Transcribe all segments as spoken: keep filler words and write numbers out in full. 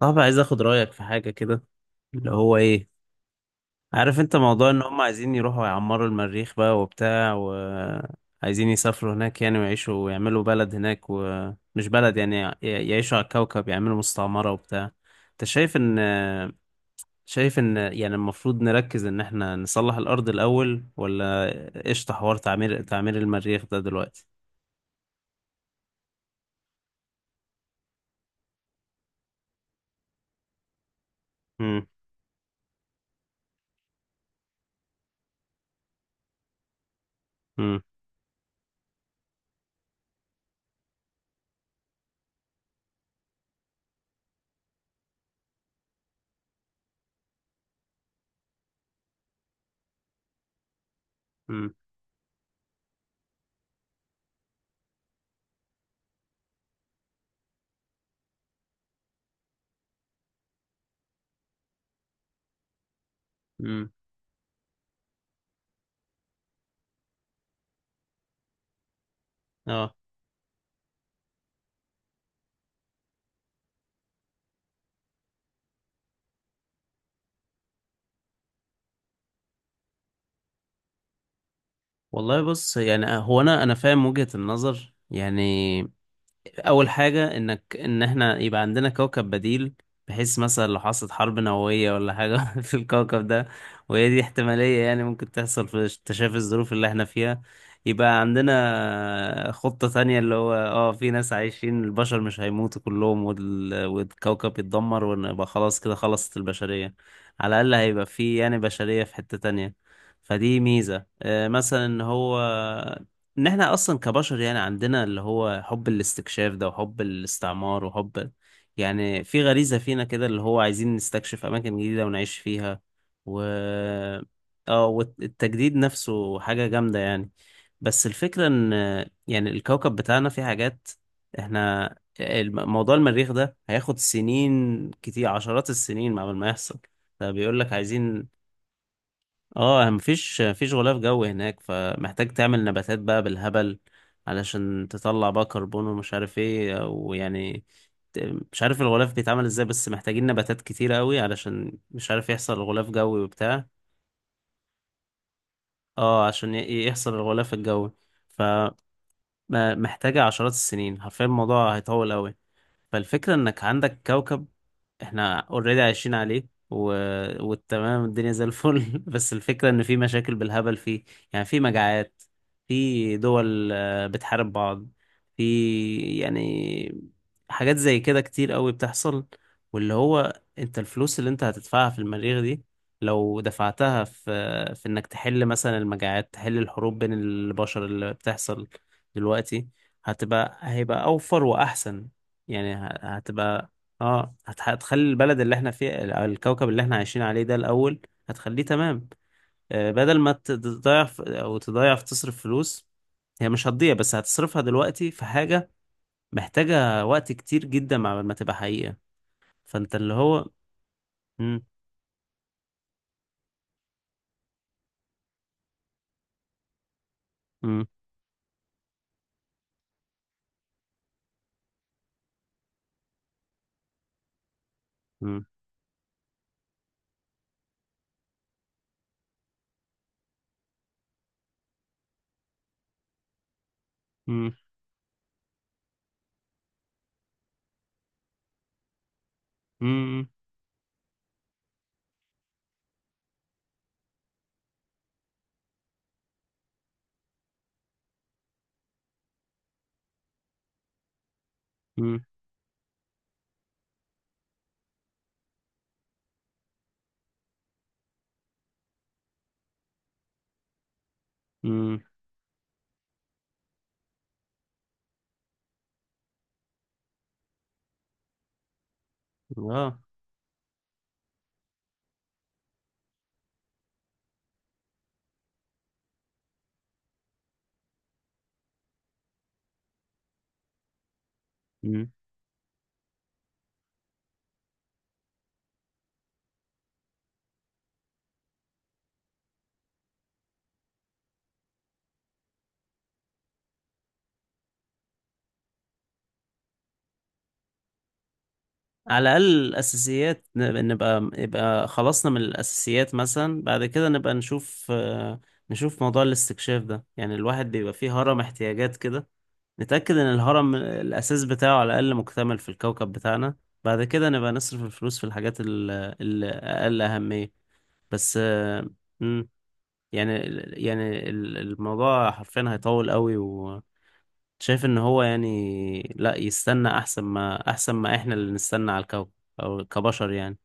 طب، عايز اخد رأيك في حاجة كده، اللي هو ايه؟ عارف انت موضوع ان هم عايزين يروحوا يعمروا المريخ بقى وبتاع، وعايزين يسافروا هناك يعني ويعيشوا ويعملوا بلد هناك، ومش بلد يعني ي- يعيشوا على الكوكب، يعملوا مستعمرة وبتاع. انت شايف ان شايف ان يعني المفروض نركز ان احنا نصلح الارض الاول ولا قشطة حوار تعمير تعمير المريخ ده دلوقتي؟ امم امم امم اه والله بص، يعني هو انا انا فاهم وجهة النظر يعني. اول حاجه انك ان احنا يبقى عندنا كوكب بديل، بحيث مثلا لو حصلت حرب نوويه ولا حاجه في الكوكب ده، وهي دي احتماليه يعني ممكن تحصل في تشافي الظروف اللي احنا فيها. يبقى عندنا خطه تانية، اللي هو اه في ناس عايشين، البشر مش هيموتوا كلهم وال... والكوكب يتدمر ونبقى خلاص كده خلصت البشريه، على الاقل هيبقى في يعني بشريه في حته تانية. فدي ميزه، آه، مثلا ان هو ان احنا اصلا كبشر يعني عندنا اللي هو حب الاستكشاف ده وحب الاستعمار وحب، يعني في غريزة فينا كده اللي هو عايزين نستكشف اماكن جديدة ونعيش فيها. و اه والتجديد نفسه حاجة جامدة يعني. بس الفكرة ان يعني الكوكب بتاعنا فيه حاجات، احنا، الم- موضوع المريخ ده هياخد سنين كتير، عشرات السنين قبل ما يحصل. فبيقول لك عايزين، اه مفيش مفيش غلاف جو هناك، فمحتاج تعمل نباتات بقى بالهبل علشان تطلع بقى كربون ومش عارف ايه ويعني ت- مش عارف الغلاف بيتعمل ازاي، بس محتاجين نباتات كتيرة قوي علشان مش عارف يحصل غلاف جوي وبتاع. اه عشان ي- يحصل الغلاف الجوي، فمحتاجة عشرات السنين، حرفيا الموضوع هيطول قوي. فالفكرة انك عندك كوكب، احنا اوريدي عايشين عليه و... والتمام، الدنيا زي الفل بس الفكرة ان في مشاكل بالهبل فيه، يعني في مجاعات، في دول آه، بتحارب بعض، في يعني حاجات زي كده كتير قوي بتحصل. واللي هو انت، الفلوس اللي انت هتدفعها في المريخ دي، لو دفعتها في، في انك تحل مثلا المجاعات، تحل الحروب بين البشر اللي بتحصل دلوقتي، هتبقى هيبقى اوفر واحسن. يعني ه- هتبقى اه هت- هتخلي البلد اللي احنا فيه، ال- الكوكب اللي احنا عايشين عليه ده الأول، هتخليه تمام. آه، بدل ما ت- تضيع ف- او تضيع في تصرف فلوس، هي مش هتضيع، بس هتصرفها دلوقتي في حاجة محتاجة وقت كتير جدا مع ما تبقى حقيقة. فانت اللي هو مم، مم، مم، مم، مم، مم، مم، اه على الأقل الأساسيات، نبقى نبقى يبقى خلصنا من الأساسيات مثلا، بعد كده نبقى نشوف آه، نشوف موضوع الاستكشاف ده. يعني الواحد بيبقى فيه هرم احتياجات كده، نتأكد إن الهرم الأساس بتاعه على الأقل مكتمل في الكوكب بتاعنا، بعد كده نبقى نصرف الفلوس في الحاجات ال- الأقل أهمية. بس، آه، مم، يعني يعني ال- الموضوع حرفيا هيطول قوي. شايف ان هو يعني لا يستنى، احسن ما احسن ما احنا اللي نستنى على الكوكب او كبشر يعني.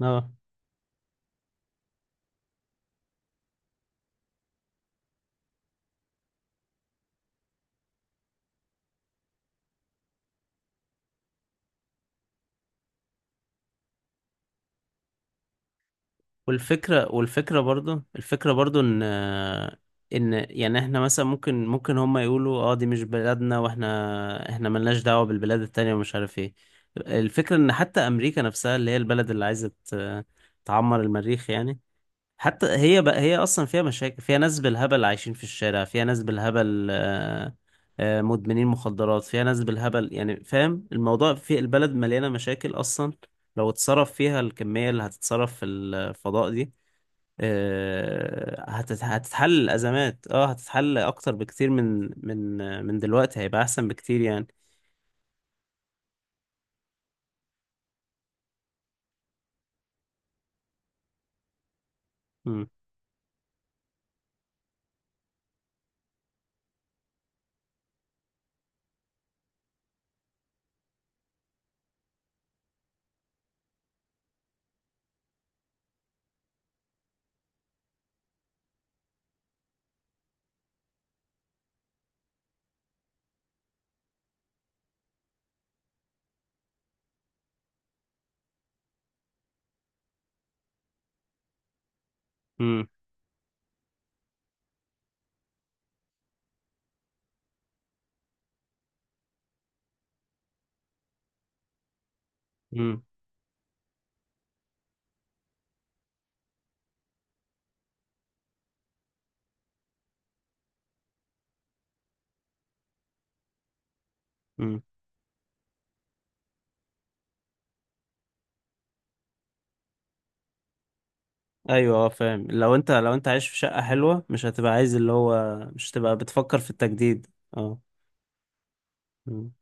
اه والفكرة والفكرة برضو الفكرة برضو ان ان يعني احنا مثلا ممكن ممكن هما يقولوا اه دي مش بلادنا، واحنا احنا ملناش دعوة بالبلاد التانية ومش عارف ايه. الفكرة ان حتى امريكا نفسها اللي هي البلد اللي عايزة ت- تعمر المريخ يعني، حتى هي بقى هي اصلا فيها مشاكل، فيها ناس بالهبل عايشين في الشارع، فيها ناس بالهبل آه، آه، مدمنين مخدرات، فيها ناس بالهبل يعني فاهم، الموضوع في البلد مليانة مشاكل اصلا. لو اتصرف فيها الكمية اللي هتتصرف في الفضاء دي، آه، هتت- هتتحل الازمات، اه هتتحل اكتر بكتير من من آه، من دلوقتي، هيبقى احسن بكتير يعني. مم، مم، مم، مم. ايوه، اه، فاهم، لو انت لو انت عايش في شقة حلوة مش هتبقى عايز اللي هو مش هتبقى بتفكر في التجديد. اه. مم.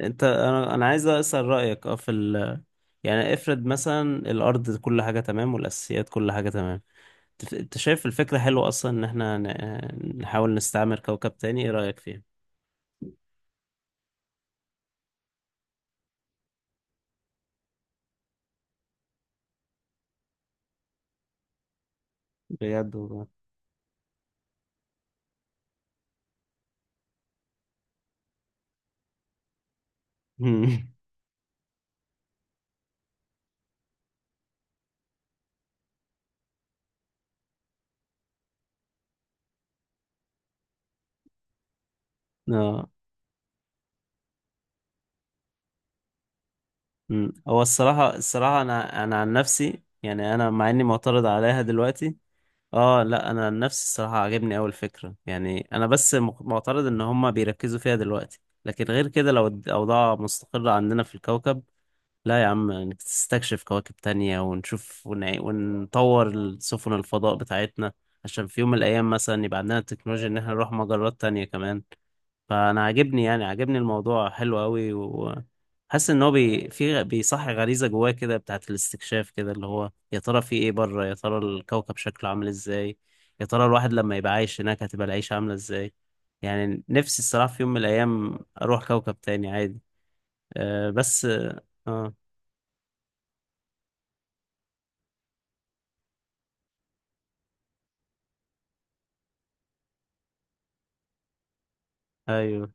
انت انا انا عايز اسأل رأيك اه في ال، يعني افرض مثلا الارض كل حاجة تمام والاساسيات كل حاجة تمام، تف- انت شايف الفكرة حلوة اصلا ان احنا ن- نحاول نستعمر كوكب تاني، ايه رأيك فيها؟ بجد والله. مم. اه. مم. هو الصراحة الصراحة انا انا عن نفسي، يعني انا مع اني معترض عليها دلوقتي. اه، لا، انا عن نفسي الصراحه عجبني اول فكره يعني، انا بس مق- معترض ان هما بيركزوا فيها دلوقتي. لكن غير كده، لو الاوضاع مستقره عندنا في الكوكب، لا يا عم نستكشف كواكب تانية ونشوف ونع- ونطور سفن الفضاء بتاعتنا، عشان في يوم من الايام مثلا يبقى عندنا التكنولوجيا ان احنا نروح مجرات تانية كمان. فانا عاجبني يعني عاجبني الموضوع، حلو قوي، وحاسس ان هو بي في بيصحي غريزه جواه كده بتاعت الاستكشاف كده، اللي هو يا ترى في ايه بره، يا ترى الكوكب شكله عامل ازاي، يا ترى الواحد لما يبقى عايش هناك هتبقى العيشه عامله ازاي. يعني نفسي الصراحه في يوم من الايام اروح كوكب تاني عادي. أه بس اه آه، ايوه،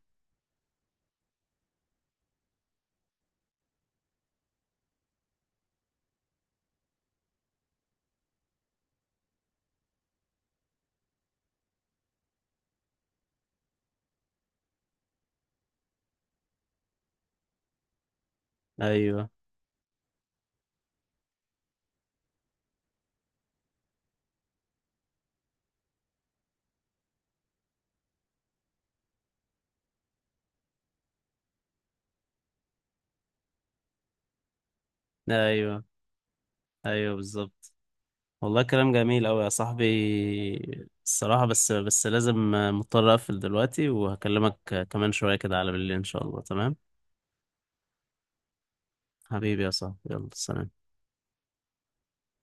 ايوه، ايوه، ايوه، بالظبط. والله كلام جميل أوي يا صاحبي. الصراحة، بس بس لازم، آه، مضطر أقفل دلوقتي، وهكلمك آه، كمان شوية كده على بالليل إن شاء الله، تمام؟ حبيبي يا صاحبي، يلا سلام.